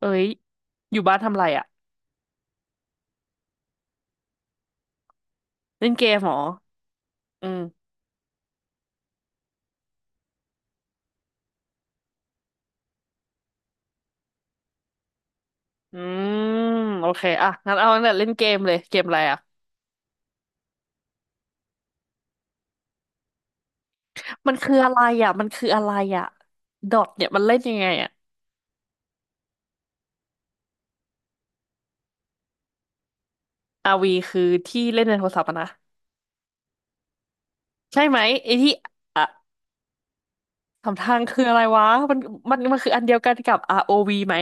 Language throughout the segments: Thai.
เอ้ยอยู่บ้านทำไรอ่ะเล่นเกมเหรออืมอืมโอเคอ่ะงั้นเอาตั้งแต่เล่นเกมเลยเกมอะไรอ่ะมันคืออะไรอ่ะมันคืออะไรอ่ะดอทเนี่ยมันเล่นยังไงอ่ะ r ีคือที่เล่นในโทรศัพท์อะนะใช่ไหมไอ้ที่อ่ะสำทางคืออะไรวะมันมันมันคืออันเดียวกันกับ r o ีไหม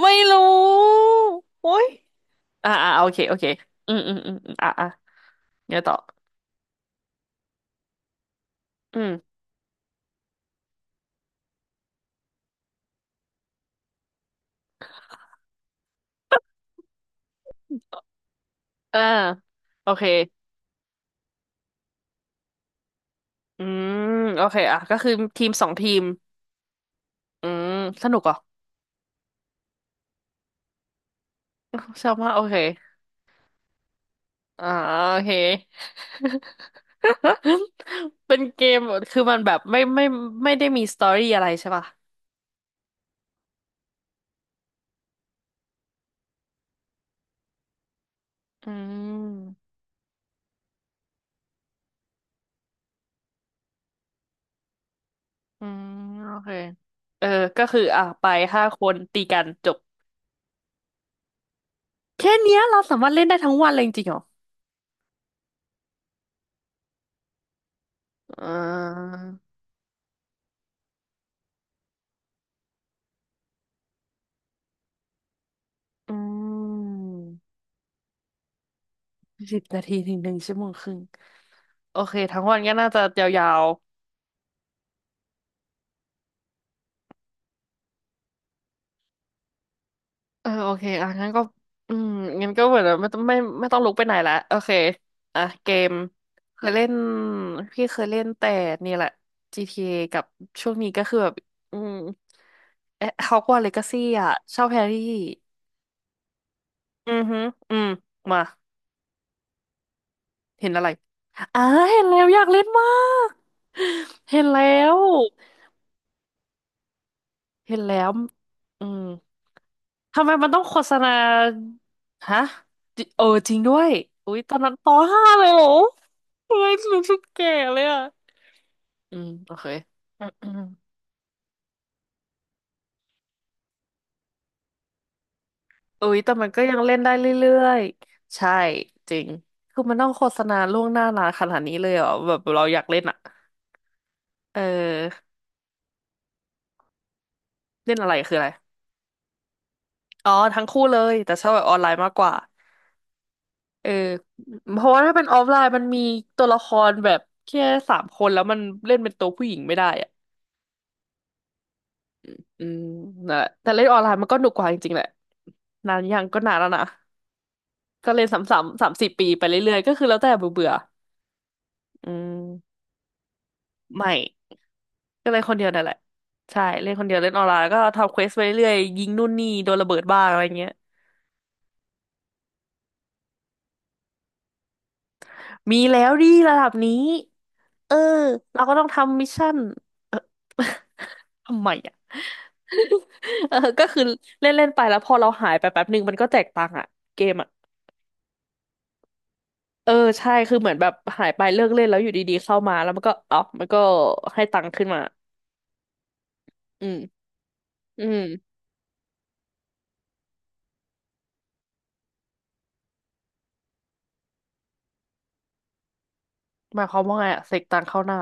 ไม่รู้โอ้ยอ่าอ่าโอเคโอเคอืมอืมอืมอมเดี๋ยวต่ออืมอ่าโอเคอืมโอเคอ่ะก็คือทีมสองทีม อืมสนุกเหรอ ชอบมากโอเคอ่าโอเค เป็นเกมคือมันแบบไม่ได้มีสตอรี่อะไรใช่ป่ะอืมอืมโอเคเออก็คืออ่ะไปห้าคนตีกันจบแค่เนี้ยเราสามารถเล่นได้ทั้งวันเลยจริงๆเหรออ่าอืมสิบนาทีถึงหนึ่งชั่วโมงครึ่งโอเคทั้งวันก็น่าจะยาวๆ เออโอเคอ่ะงั้นก็อืมงั้นก็เหมือนไม่ต้องลุกไปไหนละโอเคอ่ะเกมเคยเล่นพี่เคยเล่นแต่นี่แหละ GTA กับช่วงนี้ก็คือแบบอืมเอ๊ะฮอกวอตส์เลกาซี่อ่ะเช่าแฮร์รี่อือฮือืมมาเห็นอะไรอ่าเห็นแล้วอยากเล่นมากเห็นแล้ว เห็นแล้วอืมทำไมมันต้องโฆษณาฮะจิเออจริงด้วยอุ๊ยตอนนั้นปห้าเลยเหรอทำไมรู้สึกแก่เลยอ่ะอืมโอเคอืมอืมอุ๊ยแต่มันก็ยังเล่นได้เรื่อยๆใช่จริงคือมันต้องโฆษณาล่วงหน้านานขนาดนี้เลยเหรอแบบเราอยากเล่นอ่ะเออเล่นอะไรคืออะไรอ๋อทั้งคู่เลยแต่ชอบแบบออนไลน์มากกว่า เออเพราะว่าถ้าเป็นออฟไลน์มันมีตัวละครแบบแค่สามคนแล้วมันเล่นเป็นตัวผู้หญิงไม่ได้อ่ะอืมนั่นแหละแต่เล่นออนไลน์มันก็หนุกกว่าจริงๆแหละนานยังก็นานแล้วนะก็เล่นสามสี่ปีไปเรื่อยๆก็คือแล้วแต่เบื่อเบื่ออืมไม่ ก็เล่นคนเดียวนั่นแหละใช่เล่นคนเดียวเล่นออนไลน์แล้วก็ทำเควสไปเรื่อยๆยิงนู่นนี่โดนระเบิดบ้างอะไรเงี้ยมีแล้วดิระดับนี้เออเราก็ต้องทำมิชชั่นเออ ทำไมอ่ะ เออก็คือเล่นเล่นไปแล้วพอเราหายไปแป๊บหนึ่งมันก็แจกตังค์อ่ะเกมอ่ะเออใช่คือเหมือนแบบหายไปเลิกเล่นแล้วอยู่ดีๆเข้ามาแล้วมันก็อ๋อมันก็ให้ตังค์ขึ้นมาอืมอืมหมายความว่าไงอ่ะเสกตังค์เข้าหน้า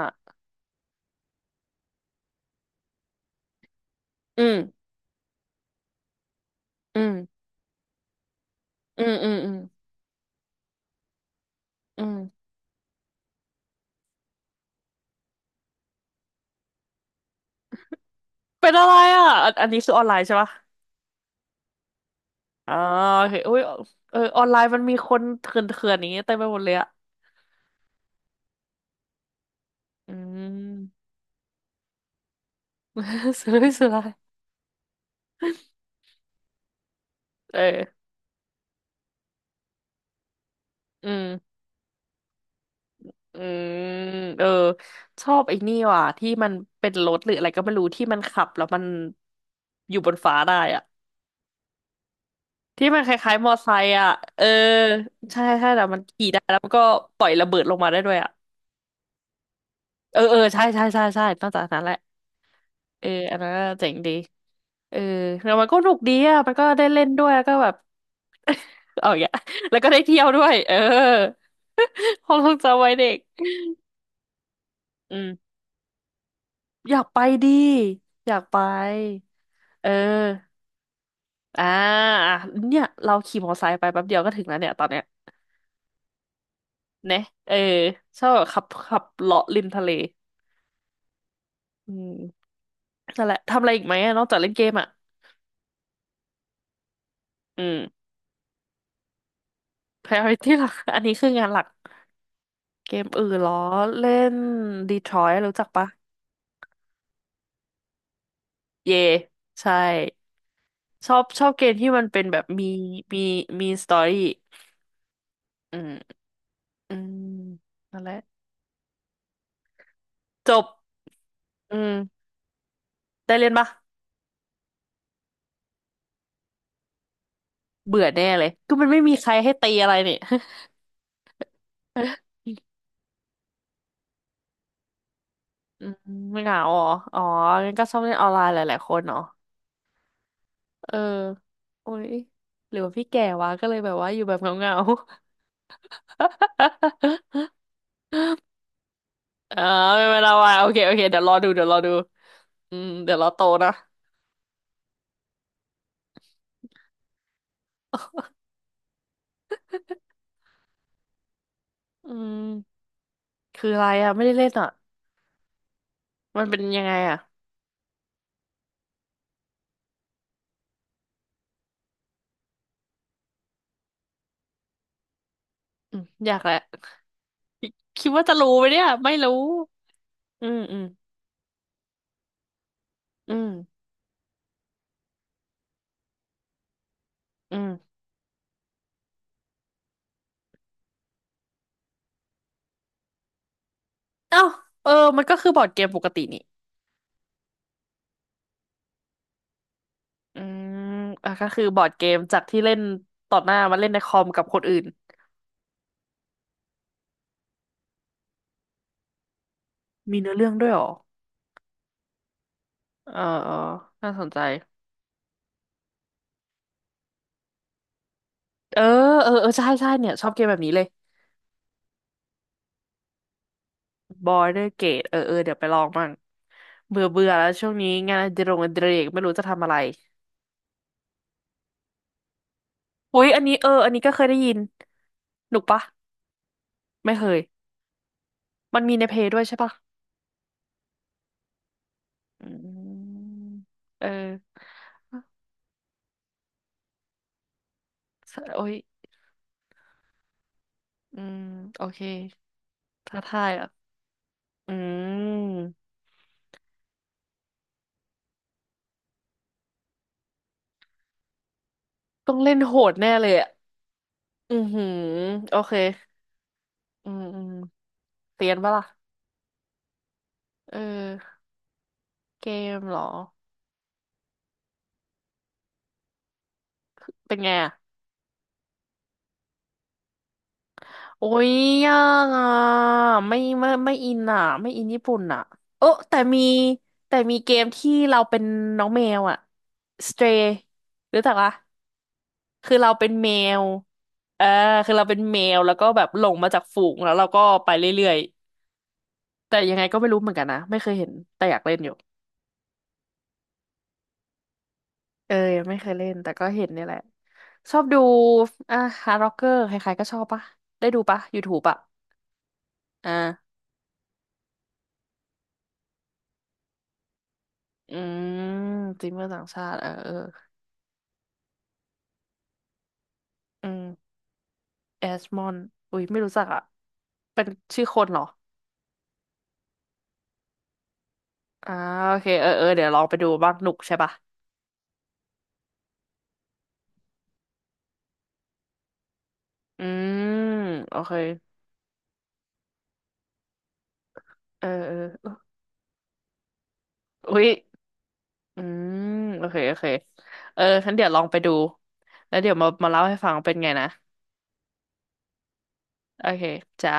อืมอืมอืมอืมอืมอืมเป็นอะไรอ่ะอันนี้คือออนไลน์ใช่ปะอ๋อโอเคอุ้ยเออออนไลน์มันมีคนเถื่อนๆอย่างนี้เต็มไปหมดเลยอ่ะอืม สุดเลยสุดเลยเอออืม อืมเออชอบไอ้นี่ว่ะที่มันเป็นรถหรืออะไรก็ไม่รู้ที่มันขับแล้วมันอยู่บนฟ้าได้อะที่มันคล้ายๆมอไซค์อ่ะเออใช่ใช่แต่มันขี่ได้แล้วมันก็ปล่อยระเบิดลงมาได้ด้วยอ่ะเออเออใช่ใช่ใช่ใช่นอกจากนั้นแหละเอออันนั้นน่ะเจ๋งดีเออแล้วมันก็สนุกดีอ่ะมันก็ได้เล่นด้วยแล้วก็แบบเอาอย่างเงี้ย แล้วก็ได้เที่ยวด้วยเออ ความทรงจำวัยเด็กอืมอยากไปดีอยากไปเออ อ่าอ่ะเนี่ยเราขี่มอเตอร์ไซค์ไปแป๊บเดียวก็ถึงแล้วเนี่ยตอนเนี้ยเนะเออชอบแบบขับเลาะริมทะเลอืมนั่นแหละทำอะไรอีกไหมอะนอกจากเล่นเกมอ่ะอืม priority หลัก อันนี้คืองานหลักเกมอื่นเหรอเล่น Detroit รู้จักปะเย่ใช่ชอบชอบเกมที่มันเป็นแบบมีมีสตอรี่อืมอืมนั่นแหละจบอืมได้เล่นปะเบื่อแน่เลยก็มันไม่มีใครให้ตีอะไรนี่ อืมไม่เหงาเหรออ๋องั้นก็ชอบเล่นออนไลน์หลายๆคนเนาะเออ โอ้ยหรือว่าพี่แก่วะก็เลยแบบว่าอยู่แบบเหงาๆ เออไม่เป็นไรวะโอเคโอเคเดี๋ยวรอดูเดี๋ยวรอดูอืมเดี๋ยวรอโตนะ อืมคืออะไรอ่ะไม่ได้เล่นอ่ะมันเป็นยังไงอ่ะอืมอยากแหละคิดว่าจะรู้ไหมเนี่ยไม่รู้ อืมอืมอืมอืมเอ้าเออมันก็คือบอร์ดเกมปกตินี่ อืมอ่ะก็คือบอร์ดเกมจากที่เล่นต่อหน้ามาเล่นในคอมกับคนอื่นมีเนื้อเรื่องด้วยเหรอเออเออน่าสนใจเออเออเออใช่ใช่เนี่ยชอบเกมแบบนี้เลย Border Gate เออเออเดี๋ยวไปลองมั่งเบื่อเบื่อแล้วช่วงนี้งานอดิเรกไม่รู้จะทำอะไรอุ้ยอันนี้เอออันนี้ก็เคยได้ยินหนุกปะไม่เคยมันมีในเพย์ด้วยใช่ปะอืมเออโอ้ยอืมโอเคท้าทายอ่ะอืม ต้องเล่นโหดแน่เลยอ่ะอือหือโอเคอืมอืมเตียนปะล่ะเออเกมเหรอเป็นไงอ่ะโอ้ยยากอ่ะไม่อินอ่ะไม่อินญี่ปุ่นอ่ะโอ้แต่มีแต่มีเกมที่เราเป็นน้องแมวอ่ะ Stray รู้จักปะคือเราเป็นแมวเออคือเราเป็นแมวแล้วก็แบบหลงมาจากฝูงแล้วเราก็ไปเรื่อยๆแต่ยังไงก็ไม่รู้เหมือนกันนะไม่เคยเห็นแต่อยากเล่นอยู่ เออยังไม่เคยเล่นแต่ก็เห็นเนี่ยแหละชอบดูอ่ะฮาร์ดร็อกเกอร์ใครๆก็ชอบปะได้ดูปะ YouTube อะอ่าอืมจิมเมอร์ต่างชาติเออเอออืมแอสมอนอุ้ยไม่รู้จักอะเป็นชื่อคนเหรออ่าโอเคเออเออเดี๋ยวลองไปดูบ้างหนุกใช่ปะอืมโอเคเออเอออุ้ยอืมโอเคโอเคเออฉันเดี๋ยวลองไปดูแล้วเดี๋ยวมามาเล่าให้ฟังเป็นไงนะโอเคจ้า